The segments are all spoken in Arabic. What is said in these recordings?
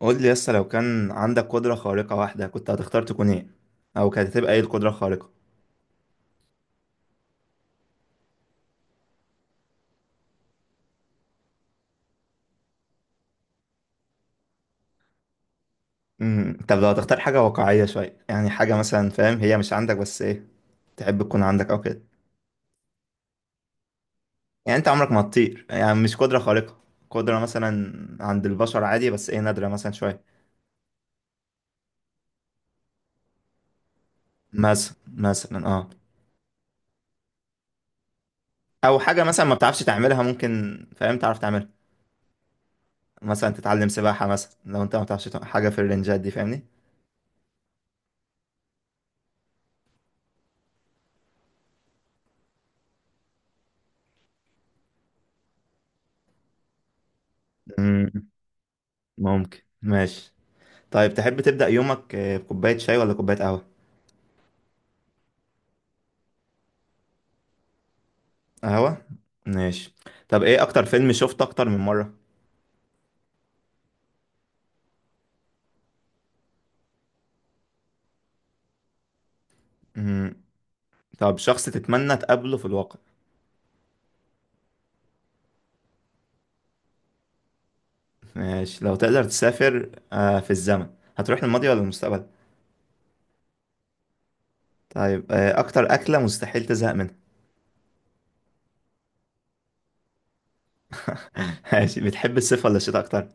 قول لي لسه لو كان عندك قدرة خارقة واحدة، كنت هتختار تكون ايه؟ او كانت هتبقى ايه القدرة الخارقة؟ طب لو هتختار حاجة واقعية شوية، يعني حاجة مثلا فاهم، هي مش عندك بس ايه تحب تكون عندك او كده. يعني انت عمرك ما هتطير، يعني مش قدرة خارقة. قدرة مثلا عند البشر عادي بس ايه نادرة مثلا شوية. مثلا، او حاجة مثلا ما بتعرفش تعملها، ممكن فاهم تعرف تعملها. مثلا تتعلم سباحة مثلا، لو انت ما بتعرفش حاجة في الرنجات دي، فاهمني؟ امم ممكن، ماشي. طيب تحب تبدأ يومك بكوباية شاي ولا كوباية قهوة؟ قهوة؟ ماشي. طب ايه أكتر فيلم شفته أكتر من مرة؟ مم. طب شخص تتمنى تقابله في الواقع. ماشي. لو تقدر تسافر في الزمن، هتروح للماضي ولا المستقبل؟ طيب، أكتر أكلة مستحيل تزهق منها. ماشي. بتحب الصيف ولا الشتاء أكتر؟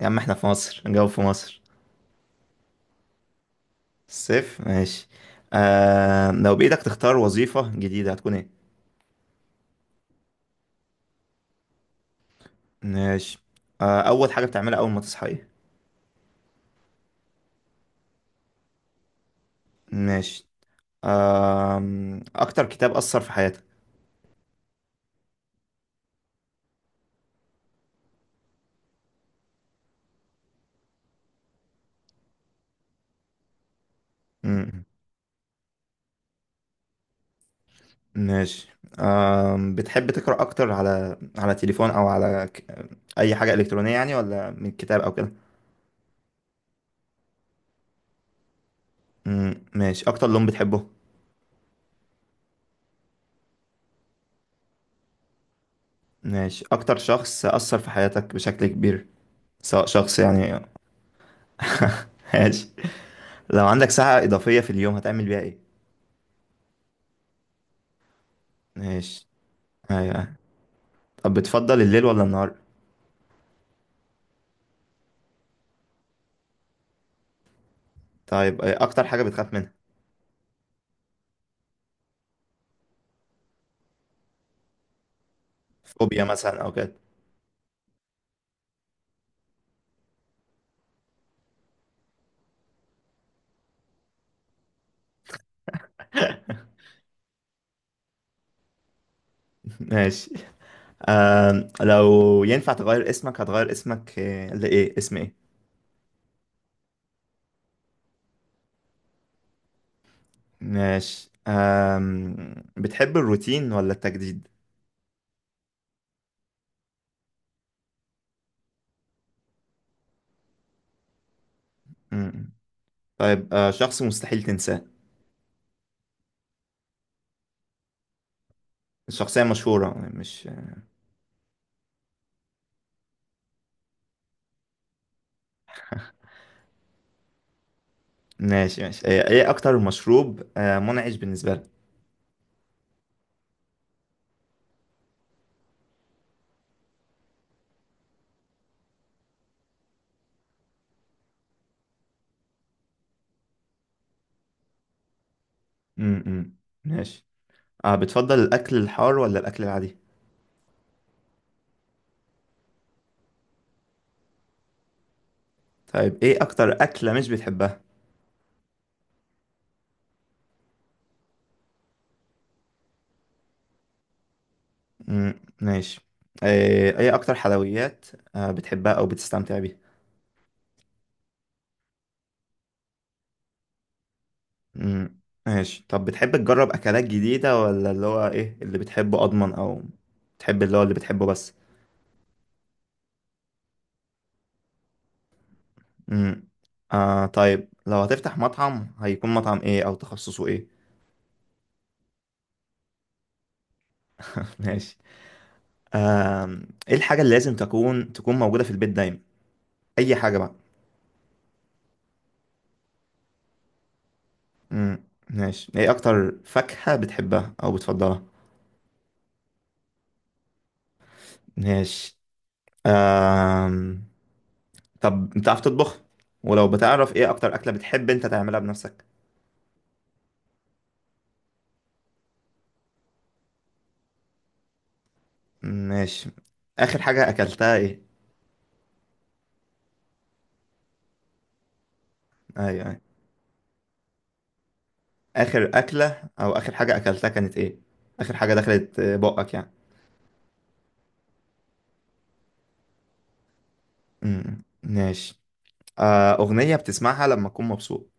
يا عم احنا في مصر، نجاوب في مصر. الصيف. ماشي. لو بإيدك تختار وظيفة جديدة، هتكون ايه؟ ماشي. أول حاجة بتعملها أول ما تصحى ايه؟ ماشي. أكتر كتاب أثر في حياتك. مم. ماشي. بتحب تقرأ أكتر على تليفون، أو على أي حاجة إلكترونية يعني، ولا من كتاب أو كده؟ مم. ماشي. أكتر لون بتحبه. ماشي. أكتر شخص أثر في حياتك بشكل كبير، سواء شخص يعني. ماشي. لو عندك ساعة إضافية في اليوم، هتعمل بيها إيه؟ ماشي. أيوة. طب بتفضل الليل ولا النهار؟ طيب، أكتر حاجة بتخاف منها. فوبيا مثلا أو كده. ماشي. لو ينفع تغير اسمك، هتغير اسمك لإيه؟ اسم إيه؟ ماشي. بتحب الروتين ولا التجديد؟ مم. طيب شخص مستحيل تنساه. شخصية مشهورة مش. ماشي، ماشي. إيه أكتر مشروب منعش بالنسبة لك؟ مم، مم. ماشي. بتفضل الأكل الحار ولا الأكل العادي؟ طيب، إيه أكتر أكلة مش بتحبها؟ مم، ماشي. إيه أكتر حلويات بتحبها أو بتستمتع بيها؟ امم ماشي. طب بتحب تجرب اكلات جديدة، ولا اللي هو ايه اللي بتحبه اضمن، او بتحب اللي هو اللي بتحبه بس؟ امم طيب، لو هتفتح مطعم، هيكون مطعم ايه او تخصصه ايه؟ ماشي. آه ايه الحاجة اللي لازم تكون موجودة في البيت دايما، اي حاجة بقى. امم ماشي. ايه اكتر فاكهة بتحبها او بتفضلها؟ ماشي. آه طب بتعرف تطبخ؟ ولو بتعرف، ايه اكتر اكلة بتحب انت تعملها بنفسك؟ ماشي. آخر حاجة أكلتها إيه؟ أيوه، أيوه. آخر أكلة أو آخر حاجة أكلتها كانت إيه؟ آخر حاجة دخلت بقك يعني. أمم، ماشي. أغنية بتسمعها لما أكون مبسوط.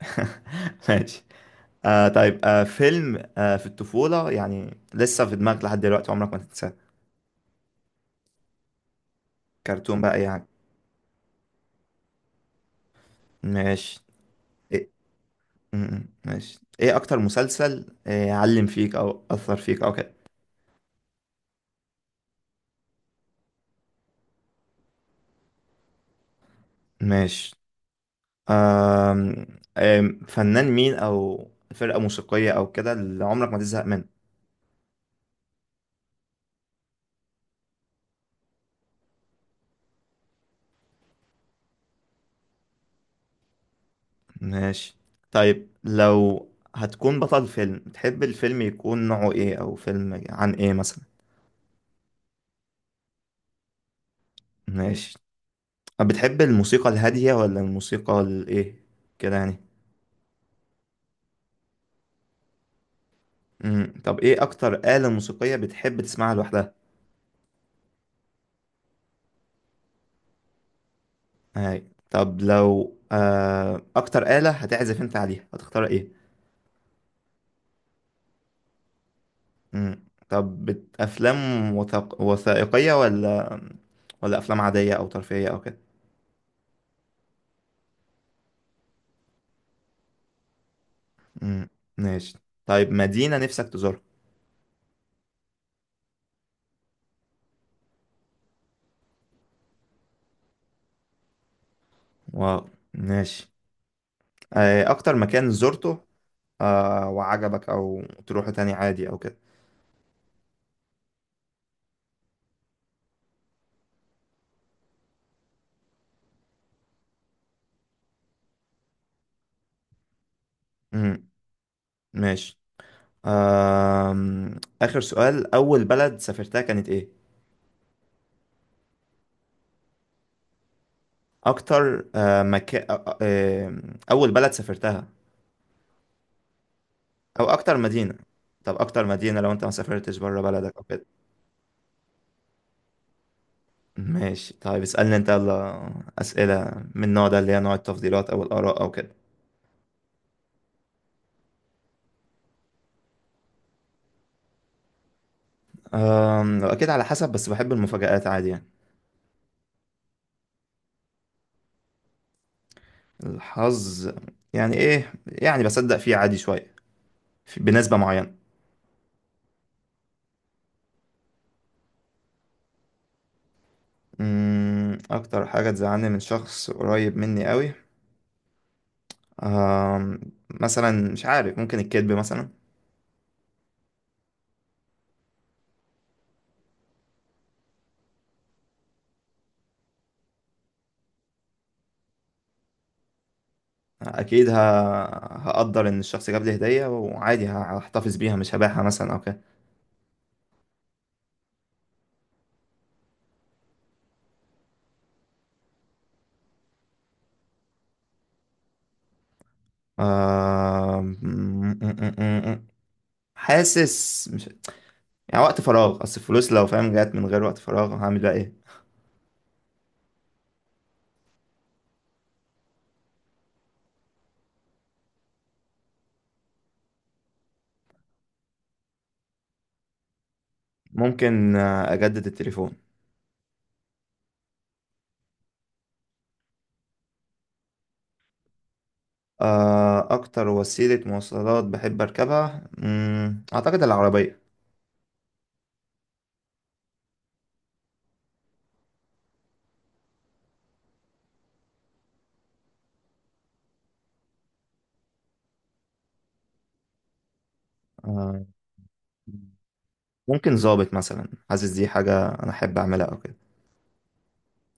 ماشي. طيب فيلم في الطفولة يعني، لسه في دماغك لحد دلوقتي، عمرك ما تنساه. كرتون بقى يعني. ماشي. إيه؟ أمم، ماشي. إيه أكتر مسلسل علم فيك أو أثر فيك أو كده؟ ماشي. آم، آم، فنان مين او فرقة موسيقية او كده اللي عمرك ما تزهق منه. ماشي. طيب لو هتكون بطل فيلم، تحب الفيلم يكون نوعه ايه، او فيلم عن ايه مثلا؟ ماشي. بتحب الموسيقى الهادية ولا الموسيقى الايه كده يعني؟ مم. طب ايه اكتر آلة موسيقية بتحب تسمعها لوحدها؟ هاي. طب لو اكتر آلة هتعزف انت عليها، هتختار ايه؟ مم. طب افلام وثائقية، ولا افلام عادية او ترفيهية او كده؟ مم. ماشي. طيب مدينة نفسك تزورها. واو. ماشي. اكتر مكان زرته وعجبك، او تروحه تاني عادي او كده. مم. ماشي. اخر سؤال، اول بلد سافرتها كانت ايه؟ اكتر مكان، آه اول بلد سافرتها، او اكتر مدينة. طب اكتر مدينة لو انت ما سافرتش بره بلدك او كده. ماشي. طيب اسألني انت يلا، أسئلة من النوع ده اللي هي نوع التفضيلات أو الآراء أو كده. أكيد على حسب، بس بحب المفاجآت عادي يعني. الحظ؟ يعني إيه يعني، بصدق فيه عادي شوية، بنسبة معينة. أمم، أكتر حاجة تزعلني من شخص قريب مني قوي، أم، مثلا مش عارف، ممكن الكذب مثلا. أكيد هقدر إن الشخص جاب لي هدية، وعادي هحتفظ بيها مش هبيعها مثلا أو كده. آه... حاسس مش. يعني وقت فراغ، اصل الفلوس لو فاهم جات من غير وقت فراغ، هعمل بقى ايه؟ ممكن اجدد التليفون. اكتر وسيلة مواصلات بحب اركبها، مم، اعتقد العربية. آه، ممكن ظابط مثلا، حاسس دي حاجة انا احب اعملها او كده.